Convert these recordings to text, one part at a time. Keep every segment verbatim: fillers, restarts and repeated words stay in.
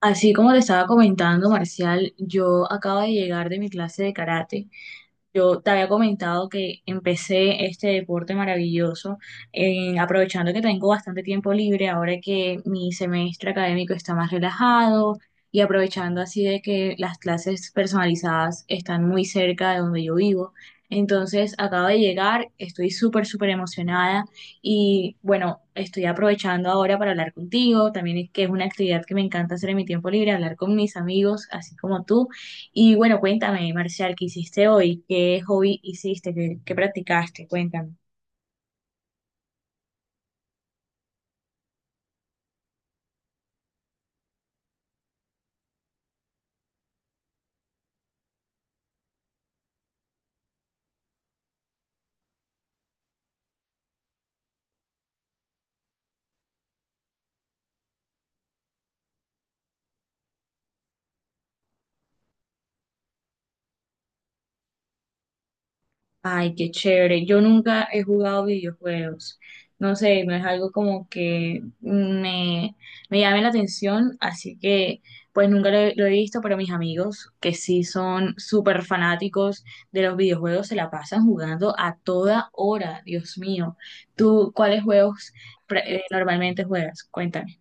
Así como te estaba comentando, Marcial, yo acabo de llegar de mi clase de karate. Yo te había comentado que empecé este deporte maravilloso, eh, aprovechando que tengo bastante tiempo libre ahora que mi semestre académico está más relajado y aprovechando así de que las clases personalizadas están muy cerca de donde yo vivo. Entonces, acabo de llegar, estoy súper, súper emocionada y bueno, estoy aprovechando ahora para hablar contigo, también es que es una actividad que me encanta hacer en mi tiempo libre, hablar con mis amigos, así como tú. Y bueno, cuéntame, Marcial, ¿qué hiciste hoy? ¿Qué hobby hiciste? ¿Qué, qué practicaste? Cuéntame. Ay, qué chévere. Yo nunca he jugado videojuegos. No sé, no es algo como que me, me llame la atención, así que pues nunca lo, he lo he visto, pero mis amigos que sí son súper fanáticos de los videojuegos se la pasan jugando a toda hora, Dios mío. ¿Tú cuáles juegos pra- eh, normalmente juegas? Cuéntame.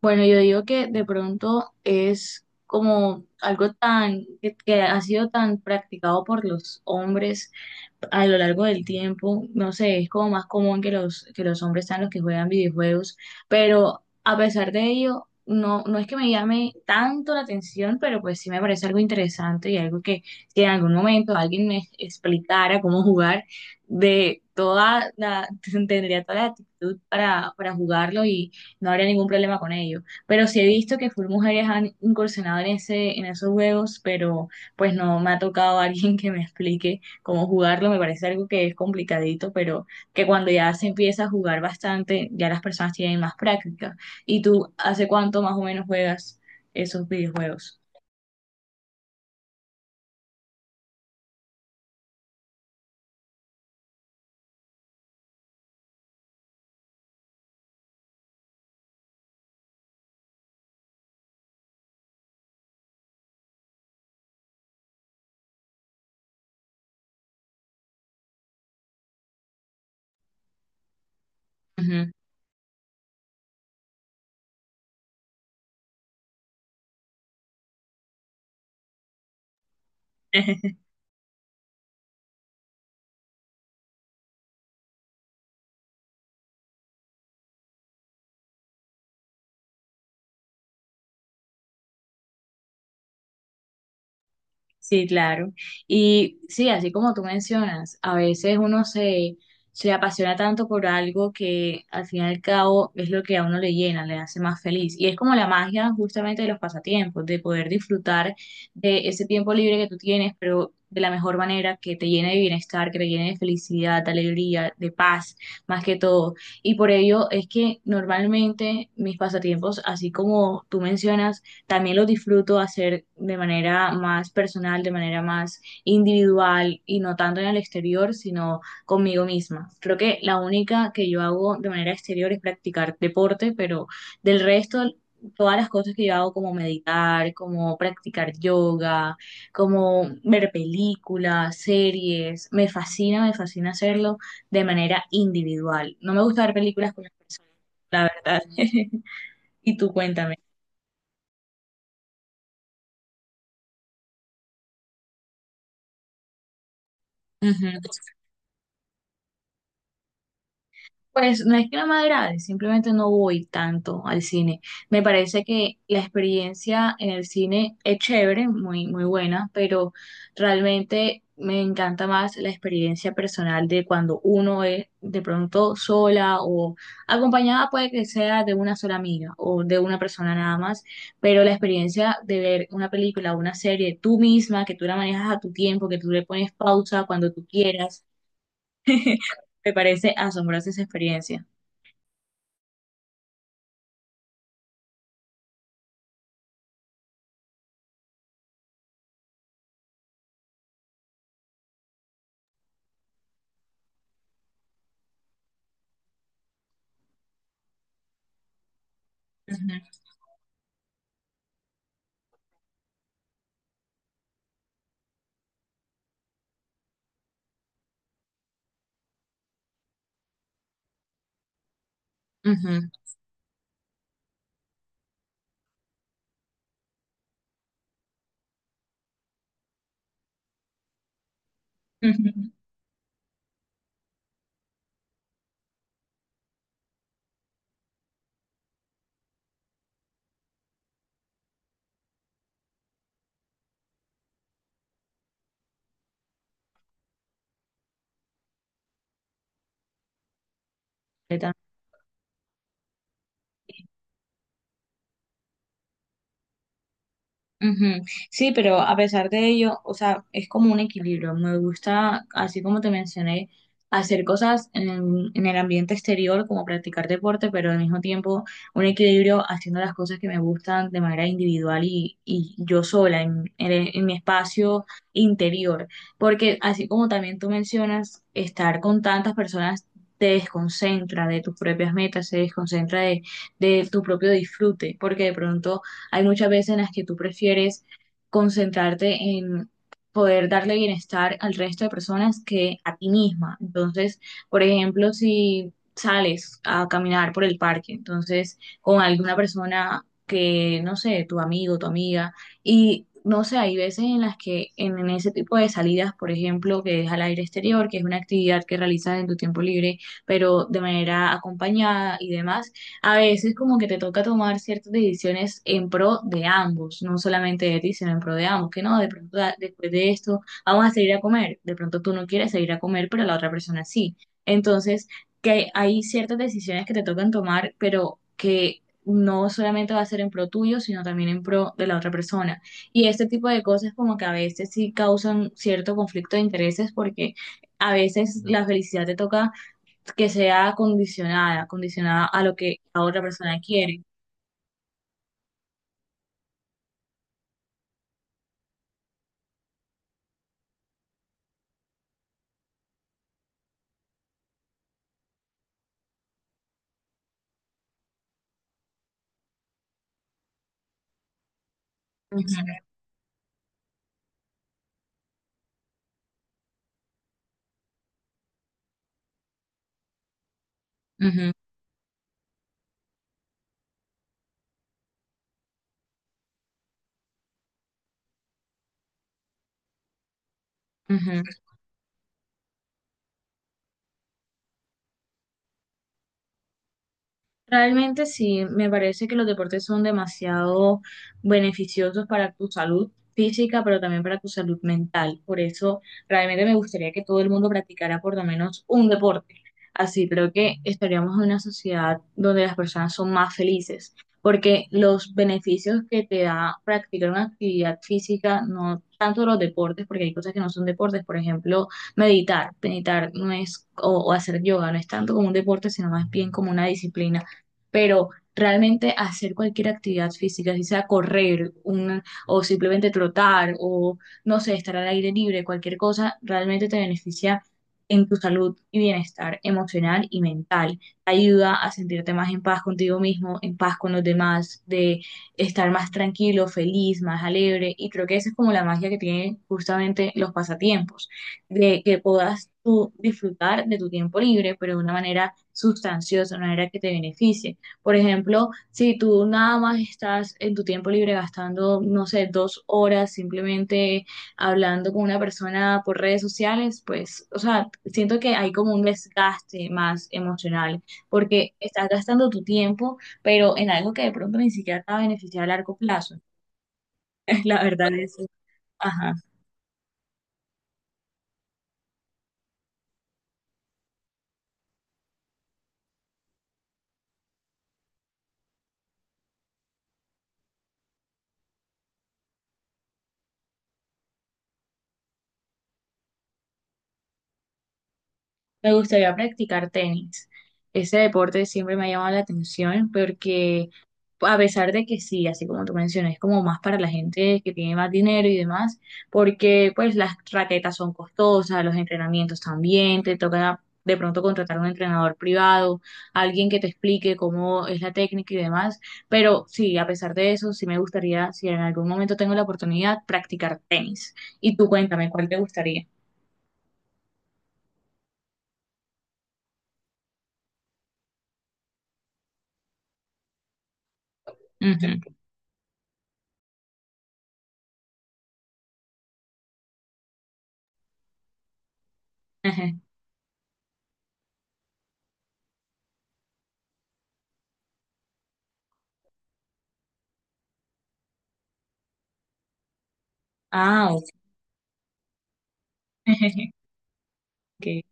Bueno, yo digo que de pronto es como algo tan que, que ha sido tan practicado por los hombres a lo largo del tiempo. No sé, es como más común que los que los hombres sean los que juegan videojuegos, pero a pesar de ello no no es que me llame tanto la atención, pero pues sí me parece algo interesante y algo que si en algún momento alguien me explicara cómo jugar de toda la tendría toda la actitud para para jugarlo y no habría ningún problema con ello. Pero sí he visto que full mujeres han incursionado en ese, en esos juegos, pero pues no me ha tocado alguien que me explique cómo jugarlo. Me parece algo que es complicadito, pero que cuando ya se empieza a jugar bastante, ya las personas tienen más práctica. ¿Y tú hace cuánto más o menos juegas esos videojuegos? Ujú. Sí, claro. Y sí, así como tú mencionas, a veces uno se, se apasiona tanto por algo que al fin y al cabo es lo que a uno le llena, le hace más feliz. Y es como la magia justamente de los pasatiempos, de poder disfrutar de ese tiempo libre que tú tienes, pero de la mejor manera que te llene de bienestar, que te llene de felicidad, de alegría, de paz, más que todo. Y por ello es que normalmente mis pasatiempos, así como tú mencionas, también lo disfruto hacer de manera más personal, de manera más individual y no tanto en el exterior, sino conmigo misma. Creo que la única que yo hago de manera exterior es practicar deporte, pero del resto, todas las cosas que yo hago como meditar, como practicar yoga, como ver películas, series, me fascina, me fascina hacerlo de manera individual. No me gusta ver películas con las personas, la verdad. Y tú cuéntame. Ujú. Pues no es que no me agrade, simplemente no voy tanto al cine. Me parece que la experiencia en el cine es chévere, muy, muy buena, pero realmente me encanta más la experiencia personal de cuando uno es de pronto sola o acompañada, puede que sea de una sola amiga o de una persona nada más, pero la experiencia de ver una película o una serie tú misma, que tú la manejas a tu tiempo, que tú le pones pausa cuando tú quieras, me parece asombrosa esa experiencia. Ujú. Ujú, Ujú. completa- Sí, Ujú. Sí, pero a pesar de ello, o sea, es como un equilibrio. Me gusta, así como te mencioné, hacer cosas en, en el ambiente exterior, como practicar deporte, pero al mismo tiempo un equilibrio haciendo las cosas que me gustan de manera individual y, y yo sola, en, en, el- en mi espacio interior. Porque así como también tú mencionas, estar con tantas personas te desconcentra de tus propias metas, se desconcentra de, de tu propio disfrute, porque de pronto hay muchas veces en las que tú prefieres concentrarte en poder darle bienestar al resto de personas que a ti misma. Entonces, por ejemplo, si sales a caminar por el parque, entonces con alguna persona que, no sé, tu amigo, tu amiga, y no sé, hay veces en las que en, en ese tipo de salidas, por ejemplo, que es al aire exterior, que es una actividad que realizas en tu tiempo libre, pero de manera acompañada y demás, a veces como que te toca tomar ciertas decisiones en pro de ambos, no solamente de ti, sino en pro de ambos, que no, de pronto ah, después de esto vamos a salir a comer, de pronto tú no quieres salir a comer, pero la otra persona sí. Entonces, que hay ciertas decisiones que te tocan tomar, pero que no solamente va a ser en pro tuyo, sino también en pro de la otra persona. Y este tipo de cosas como que a veces sí causan cierto conflicto de intereses porque a veces la felicidad te toca que sea condicionada, condicionada a lo que la otra persona quiere. Ujú, ujú, ujú. Realmente sí, me parece que los deportes son demasiado beneficiosos para tu salud física, pero también para tu salud mental. Por eso realmente me gustaría que todo el mundo practicara por lo menos un deporte. Así creo que estaríamos en una sociedad donde las personas son más felices, porque los beneficios que te da practicar una actividad física, no tanto los deportes, porque hay cosas que no son deportes, por ejemplo, meditar. Meditar no es, o, o hacer yoga, no es tanto como un deporte, sino más bien como una disciplina pero realmente hacer cualquier actividad física, si sea correr un, o simplemente trotar o, no sé, estar al aire libre, cualquier cosa, realmente te beneficia en tu salud y bienestar emocional y mental. Te ayuda a sentirte más en paz contigo mismo, en paz con los demás, de estar más tranquilo, feliz, más alegre. Y creo que esa es como la magia que tienen justamente los pasatiempos, de que puedas tú disfrutar de tu tiempo libre, pero de una manera sustanciosa, de una manera que te beneficie. Por ejemplo, si tú nada más estás en tu tiempo libre gastando, no sé, dos horas simplemente hablando con una persona por redes sociales, pues, o sea, siento que hay como un desgaste más emocional, porque estás gastando tu tiempo, pero en algo que de pronto ni siquiera te va a beneficiar a largo plazo. La verdad es, ajá. Me gustaría practicar tenis. Ese deporte siempre me ha llamado la atención porque a pesar de que sí, así como tú mencionas, es como más para la gente que tiene más dinero y demás, porque pues las raquetas son costosas, los entrenamientos también, te toca de pronto contratar un entrenador privado, alguien que te explique cómo es la técnica y demás, pero sí, a pesar de eso, sí me gustaría, si en algún momento tengo la oportunidad, practicar tenis. Y tú cuéntame, ¿cuál te gustaría? Ujú. Ajá. Ah, ok. Ok.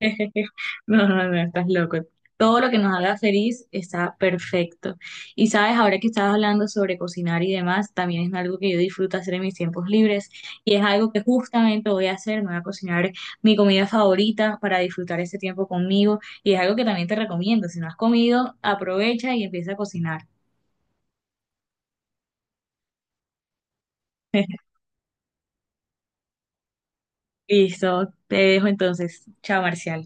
No, no, no, estás loco. Todo lo que nos haga feliz está perfecto. Y sabes, ahora que estabas hablando sobre cocinar y demás, también es algo que yo disfruto hacer en mis tiempos libres y es algo que justamente voy a hacer, me voy a cocinar mi comida favorita para disfrutar ese tiempo conmigo y es algo que también te recomiendo. Si no has comido, aprovecha y empieza a cocinar. Listo, te dejo entonces. Chao, Marcial.